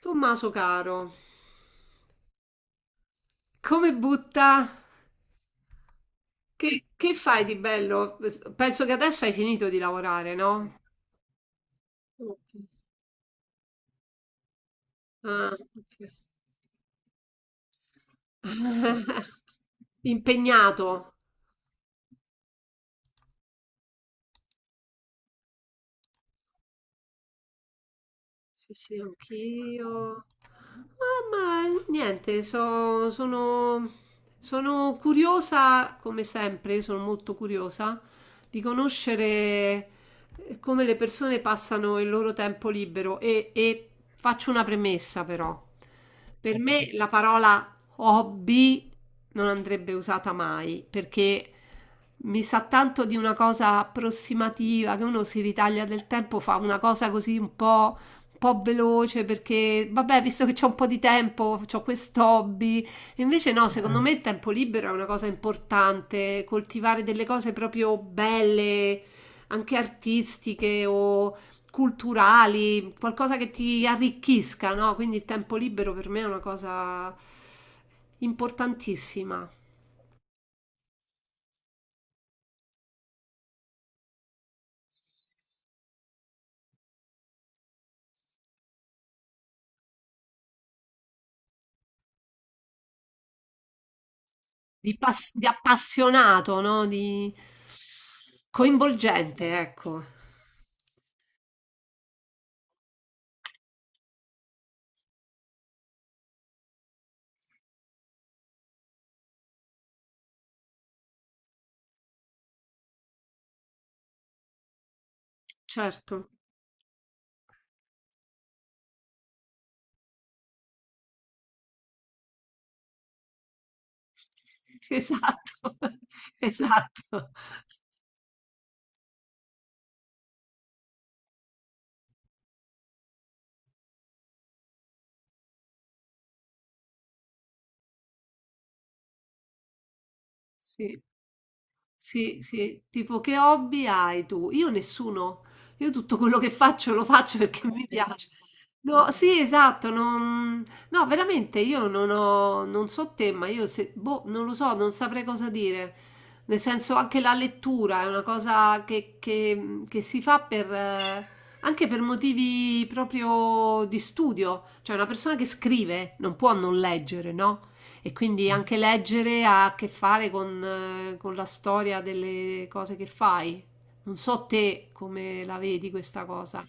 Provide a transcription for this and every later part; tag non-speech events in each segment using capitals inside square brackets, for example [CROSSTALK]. Tommaso caro, come butta? Che fai di bello? Penso che adesso hai finito di lavorare, no? Ok. Ah, ok. [LAUGHS] Impegnato. Sì, sì, anch'io. Ah, ma niente, sono, sono curiosa, come sempre, io sono molto curiosa di conoscere come le persone passano il loro tempo libero e faccio una premessa però. Per me la parola hobby non andrebbe usata mai perché mi sa tanto di una cosa approssimativa che uno si ritaglia del tempo, fa una cosa così un po' veloce perché, vabbè, visto che c'ho un po' di tempo, ho quest'hobby. Invece no, secondo me il tempo libero è una cosa importante, coltivare delle cose proprio belle, anche artistiche o culturali, qualcosa che ti arricchisca, no? Quindi il tempo libero per me è una cosa importantissima, di, di appassionato, no? Di coinvolgente, ecco. Certo. Esatto, [LAUGHS] esatto. Sì, sì, sì. Tipo: "Che hobby hai tu?" Io nessuno. Io tutto quello che faccio lo faccio perché mi piace. No, sì, esatto, non no, veramente io non ho non so te, ma io se boh, non lo so, non saprei cosa dire. Nel senso anche la lettura è una cosa che che si fa per anche per motivi proprio di studio. Cioè una persona che scrive non può non leggere, no? E quindi anche leggere ha a che fare con la storia delle cose che fai. Non so te come la vedi questa cosa.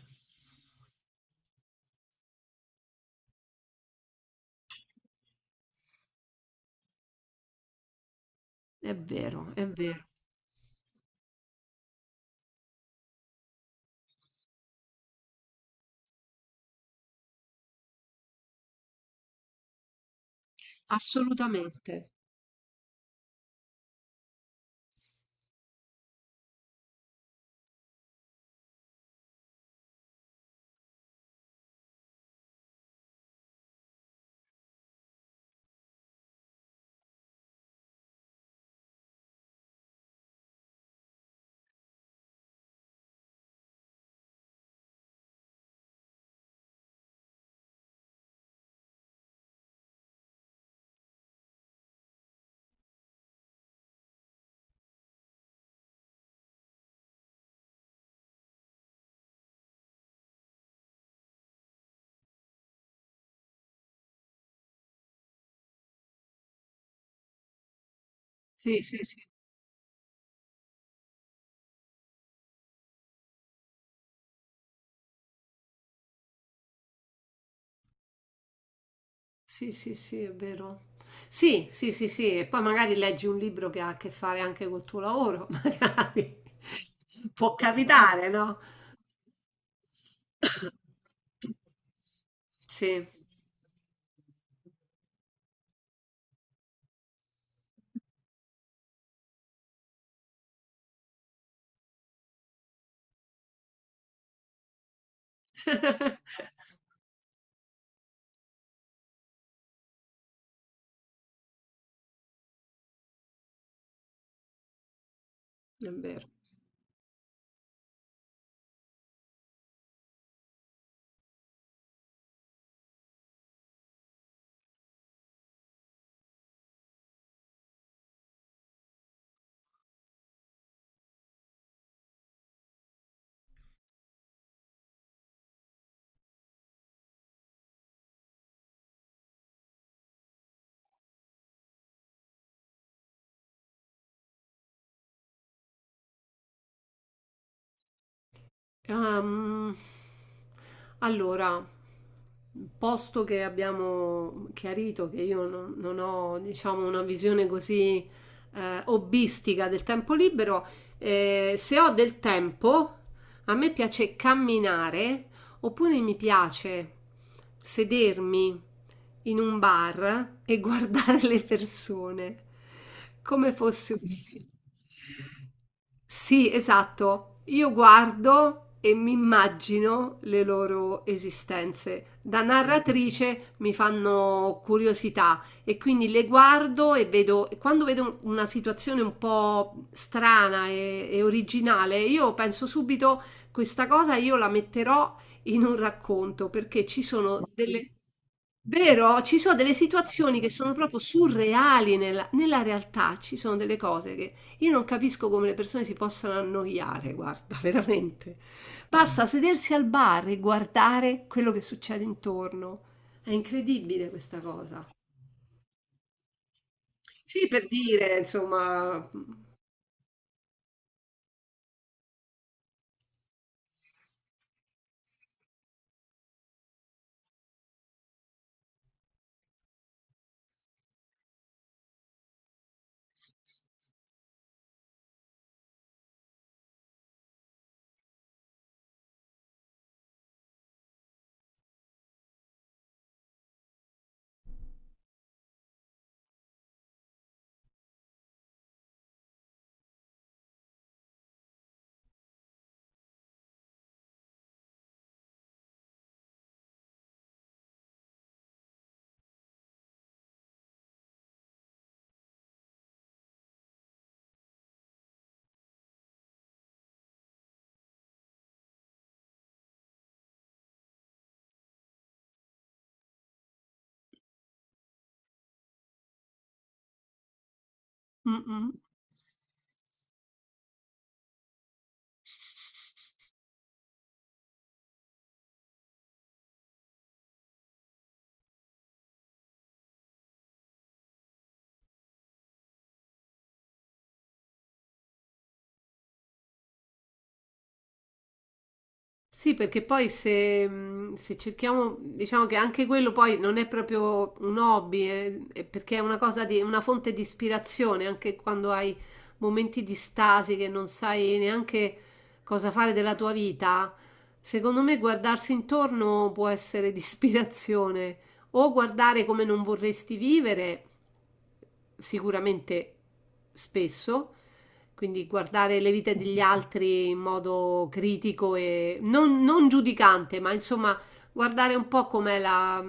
È vero, assolutamente. Sì, sì, sì, sì, sì, sì, è vero. Sì, sì, sì, sì, e poi magari leggi un libro che ha a che fare anche col tuo lavoro, [LAUGHS] magari. Può capitare, no? Sì. [LAUGHS] È vero. Ehm, allora, posto che abbiamo chiarito che io non, non ho, diciamo, una visione così hobbistica del tempo libero, se ho del tempo, a me piace camminare oppure mi piace sedermi in un bar e [LAUGHS] guardare le persone come fosse un film. Sì, esatto. Io guardo e mi immagino le loro esistenze. Da narratrice mi fanno curiosità e quindi le guardo e vedo, e quando vedo una situazione un po' strana e originale, io penso subito questa cosa io la metterò in un racconto perché ci sono delle… Vero, ci sono delle situazioni che sono proprio surreali nella, nella realtà, ci sono delle cose che io non capisco come le persone si possano annoiare, guarda, [LAUGHS] veramente. Basta sedersi al bar e guardare quello che succede intorno. È incredibile questa cosa. Sì, per dire, insomma. Mm. mm. Sì, perché poi se, se cerchiamo, diciamo che anche quello poi non è proprio un hobby, è perché è una cosa di, una fonte di ispirazione, anche quando hai momenti di stasi che non sai neanche cosa fare della tua vita, secondo me guardarsi intorno può essere di ispirazione o guardare come non vorresti vivere, sicuramente spesso, quindi guardare le vite degli altri in modo critico e non, non giudicante, ma insomma guardare un po' com'è la,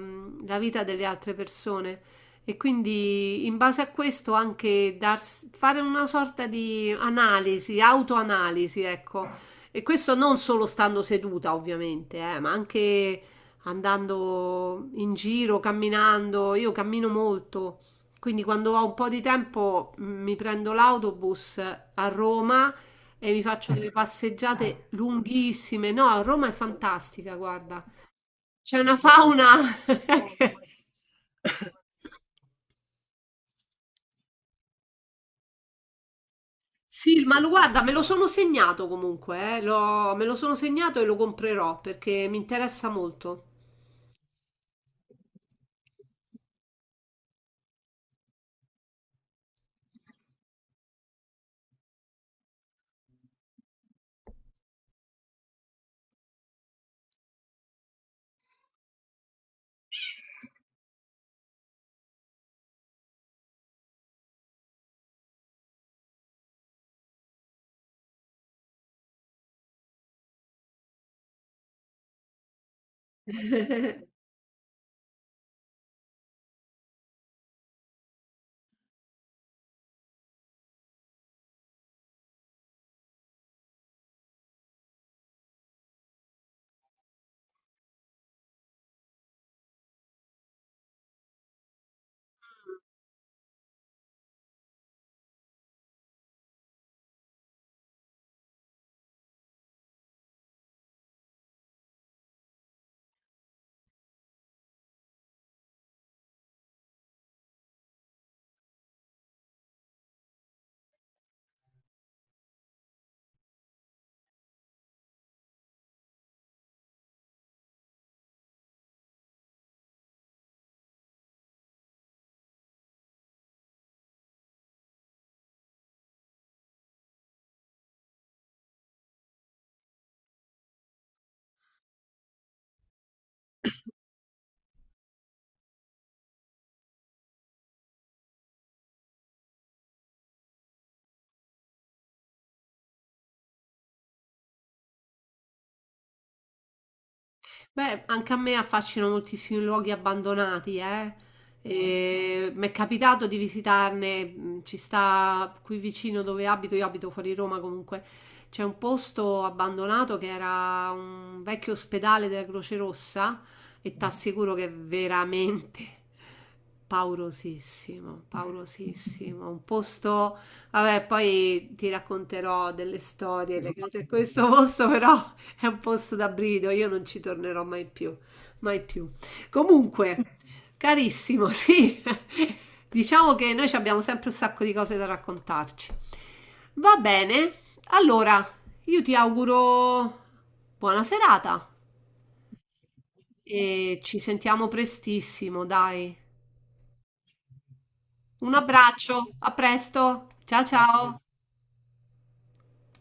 la vita delle altre persone e quindi in base a questo anche fare una sorta di analisi, autoanalisi, ecco. E questo non solo stando seduta, ovviamente, ma anche andando in giro, camminando. Io cammino molto, quindi quando ho un po' di tempo mi prendo l'autobus a Roma e mi faccio delle passeggiate lunghissime. No, Roma è fantastica, guarda. C'è una fauna [LAUGHS] che- Sì, ma lo guarda, me lo sono segnato comunque, me lo sono segnato e lo comprerò perché mi interessa molto. Beh, anche a me affascinano moltissimi luoghi abbandonati, eh. E mi è capitato di visitarne, ci sta qui vicino dove abito, io abito fuori Roma comunque, c'è un posto abbandonato che era un vecchio ospedale della Croce Rossa e ti assicuro che è veramente paurosissimo, paurosissimo. Un posto, vabbè, poi ti racconterò delle storie legate a questo posto, però è un posto da brivido, io non ci tornerò mai più, mai più. Comunque, carissimo, sì, [LAUGHS] diciamo che noi ci abbiamo sempre un sacco di cose da raccontarci. Va bene, allora io ti auguro buona serata e ci sentiamo prestissimo, dai. Un abbraccio, a presto, ciao ciao.